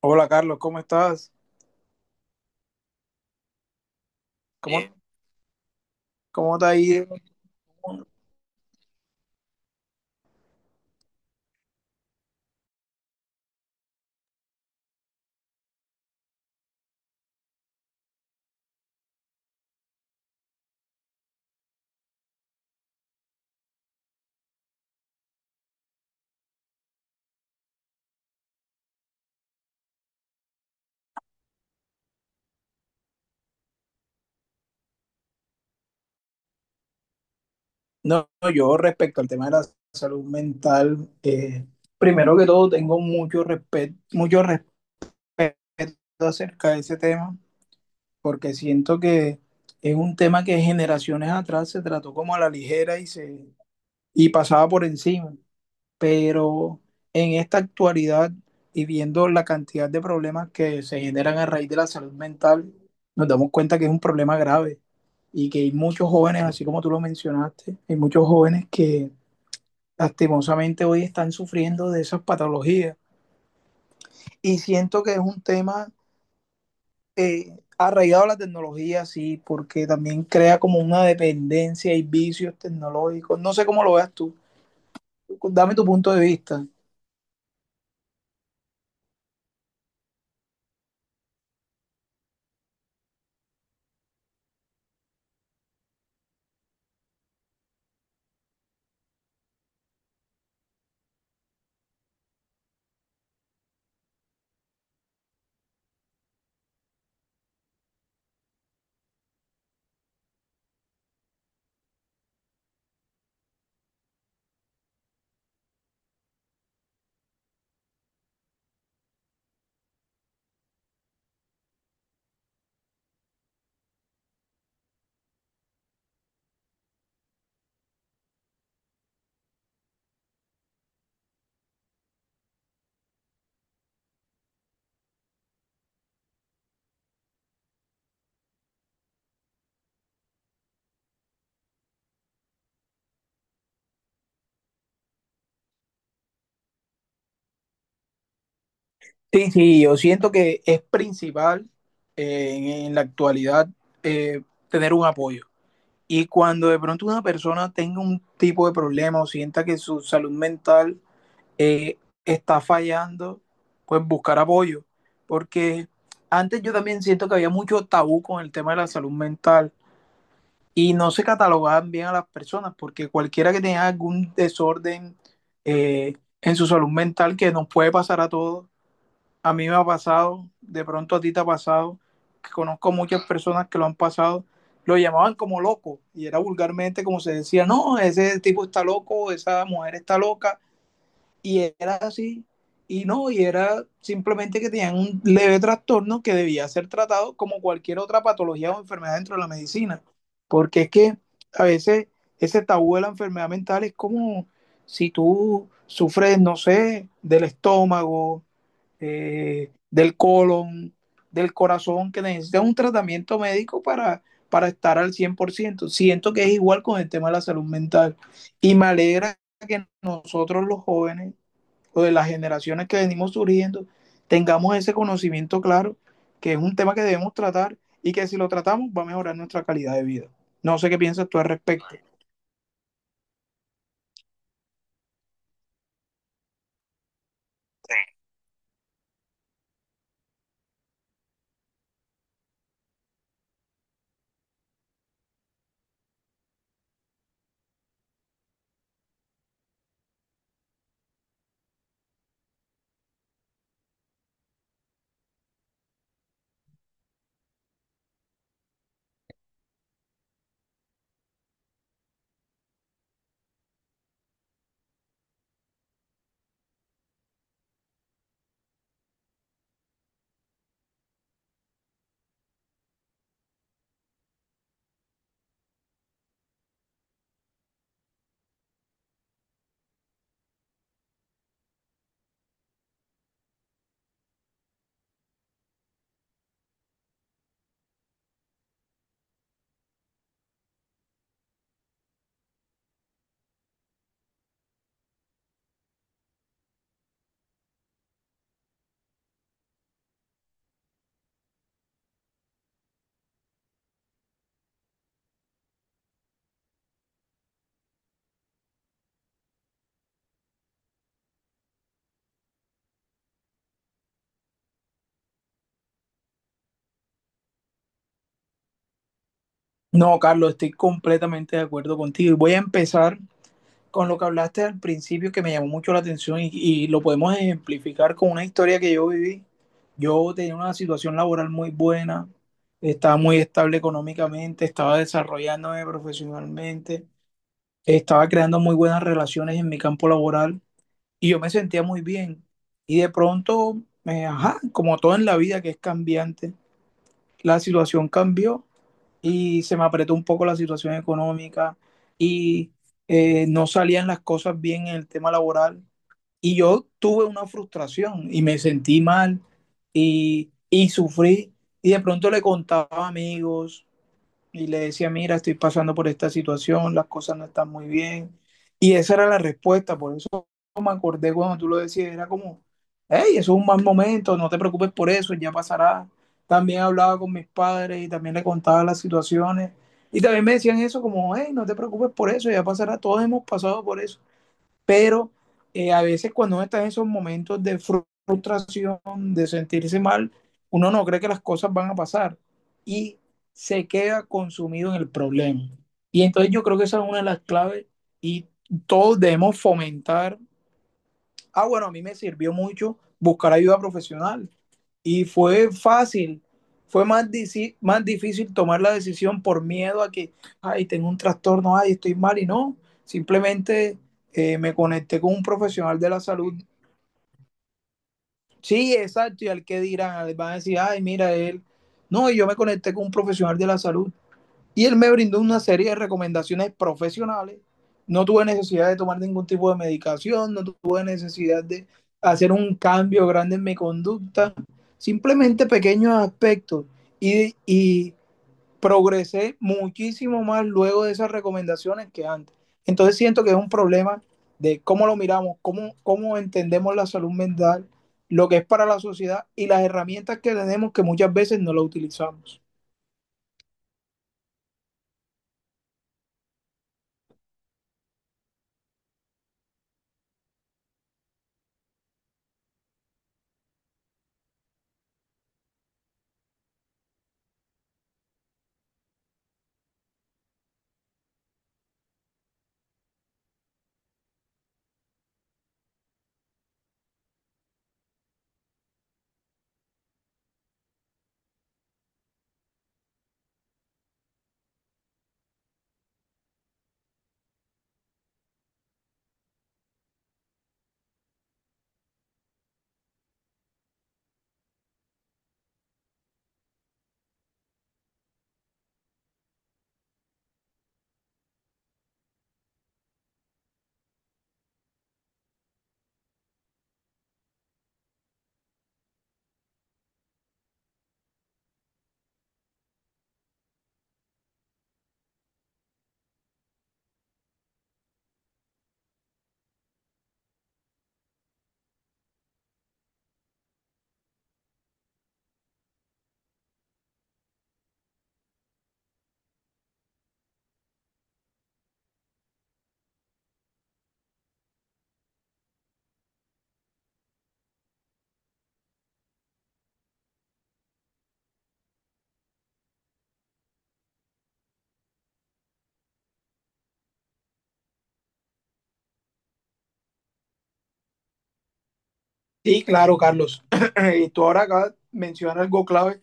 Hola Carlos, ¿cómo estás? ¿Cómo, bien, cómo te ha ido? No, no, yo respecto al tema de la salud mental, primero que todo tengo mucho respeto acerca de ese tema, porque siento que es un tema que generaciones atrás se trató como a la ligera y pasaba por encima. Pero en esta actualidad y viendo la cantidad de problemas que se generan a raíz de la salud mental, nos damos cuenta que es un problema grave y que hay muchos jóvenes, así como tú lo mencionaste, hay muchos jóvenes que lastimosamente hoy están sufriendo de esas patologías. Y siento que es un tema arraigado a la tecnología, sí, porque también crea como una dependencia y vicios tecnológicos. No sé cómo lo veas tú. Dame tu punto de vista. Sí, sí, yo siento que es principal, en la actualidad, eh, tener un apoyo. Y cuando de pronto una persona tenga un tipo de problema o sienta que su salud mental eh, está fallando, pues buscar apoyo. Porque antes yo también siento que había mucho tabú con el tema de la salud mental y no se catalogaban bien a las personas, porque cualquiera que tenga algún desorden eh, en su salud mental, que nos puede pasar a todos, a mí me ha pasado, de pronto a ti te ha pasado, que conozco muchas personas que lo han pasado, lo llamaban como loco y era vulgarmente como se decía: no, ese tipo está loco, esa mujer está loca, y era así. Y no, y era simplemente que tenían un leve trastorno que debía ser tratado como cualquier otra patología o enfermedad dentro de la medicina. Porque es que a veces ese tabú de la enfermedad mental es como si tú sufres, no sé, del estómago, del colon, del corazón, que necesitas un tratamiento médico para estar al 100%. Siento que es igual con el tema de la salud mental. Y me alegra que nosotros los jóvenes o de las generaciones que venimos surgiendo tengamos ese conocimiento claro, que es un tema que debemos tratar y que si lo tratamos va a mejorar nuestra calidad de vida. No sé qué piensas tú al respecto. No, Carlos, estoy completamente de acuerdo contigo. Y voy a empezar con lo que hablaste al principio que me llamó mucho la atención, y lo podemos ejemplificar con una historia que yo viví. Yo tenía una situación laboral muy buena, estaba muy estable económicamente, estaba desarrollándome profesionalmente. Estaba creando muy buenas relaciones en mi campo laboral y yo me sentía muy bien. Y de pronto, ajá, como todo en la vida que es cambiante, la situación cambió y se me apretó un poco la situación económica y no salían las cosas bien en el tema laboral. Y yo tuve una frustración y me sentí mal y sufrí. Y de pronto le contaba a amigos y le decía: mira, estoy pasando por esta situación, las cosas no están muy bien. Y esa era la respuesta, por eso me acordé cuando tú lo decías, era como: hey, eso es un mal momento, no te preocupes por eso, ya pasará. También hablaba con mis padres y también le contaba las situaciones. Y también me decían eso como: hey, no te preocupes por eso, ya pasará, todos hemos pasado por eso. Pero a veces cuando uno está en esos momentos de frustración, de sentirse mal, uno no cree que las cosas van a pasar y se queda consumido en el problema. Y entonces yo creo que esa es una de las claves y todos debemos fomentar. Ah, bueno, a mí me sirvió mucho buscar ayuda profesional y fue fácil, fue más, más difícil tomar la decisión por miedo a que, ay, tengo un trastorno, ay, estoy mal. Y no, simplemente me conecté con un profesional de la salud. Sí, exacto, y al que dirán, van a decir, ay, mira él. No, y yo me conecté con un profesional de la salud y él me brindó una serie de recomendaciones profesionales. No tuve necesidad de tomar ningún tipo de medicación, no tuve necesidad de hacer un cambio grande en mi conducta, simplemente pequeños aspectos. Y progresé muchísimo más luego de esas recomendaciones que antes. Entonces siento que es un problema de cómo lo miramos, cómo entendemos la salud mental, lo que es para la sociedad y las herramientas que tenemos que muchas veces no lo utilizamos. Sí, claro, Carlos. Y tú ahora acabas de mencionar algo clave.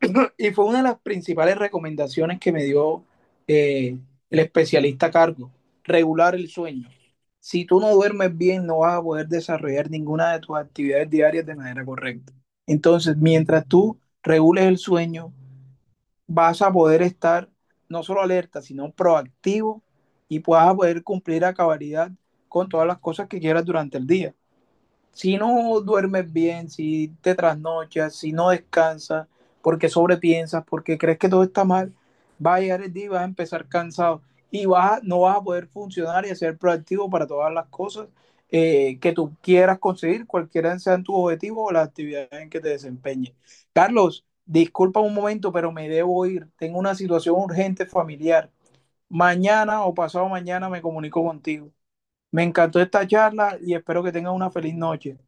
Y fue una de las principales recomendaciones que me dio eh, el especialista a cargo: regular el sueño. Si tú no duermes bien, no vas a poder desarrollar ninguna de tus actividades diarias de manera correcta. Entonces, mientras tú regules el sueño, vas a poder estar no solo alerta, sino proactivo y puedas poder cumplir a cabalidad con todas las cosas que quieras durante el día. Si no duermes bien, si te trasnochas, si no descansas, porque sobrepiensas, porque crees que todo está mal, va a llegar el día y vas a empezar cansado y no vas a poder funcionar y ser proactivo para todas las cosas que tú quieras conseguir, cualquiera sean tus objetivos o las actividades en que te desempeñes. Carlos, disculpa un momento, pero me debo ir. Tengo una situación urgente familiar. Mañana o pasado mañana me comunico contigo. Me encantó esta charla y espero que tengas una feliz noche.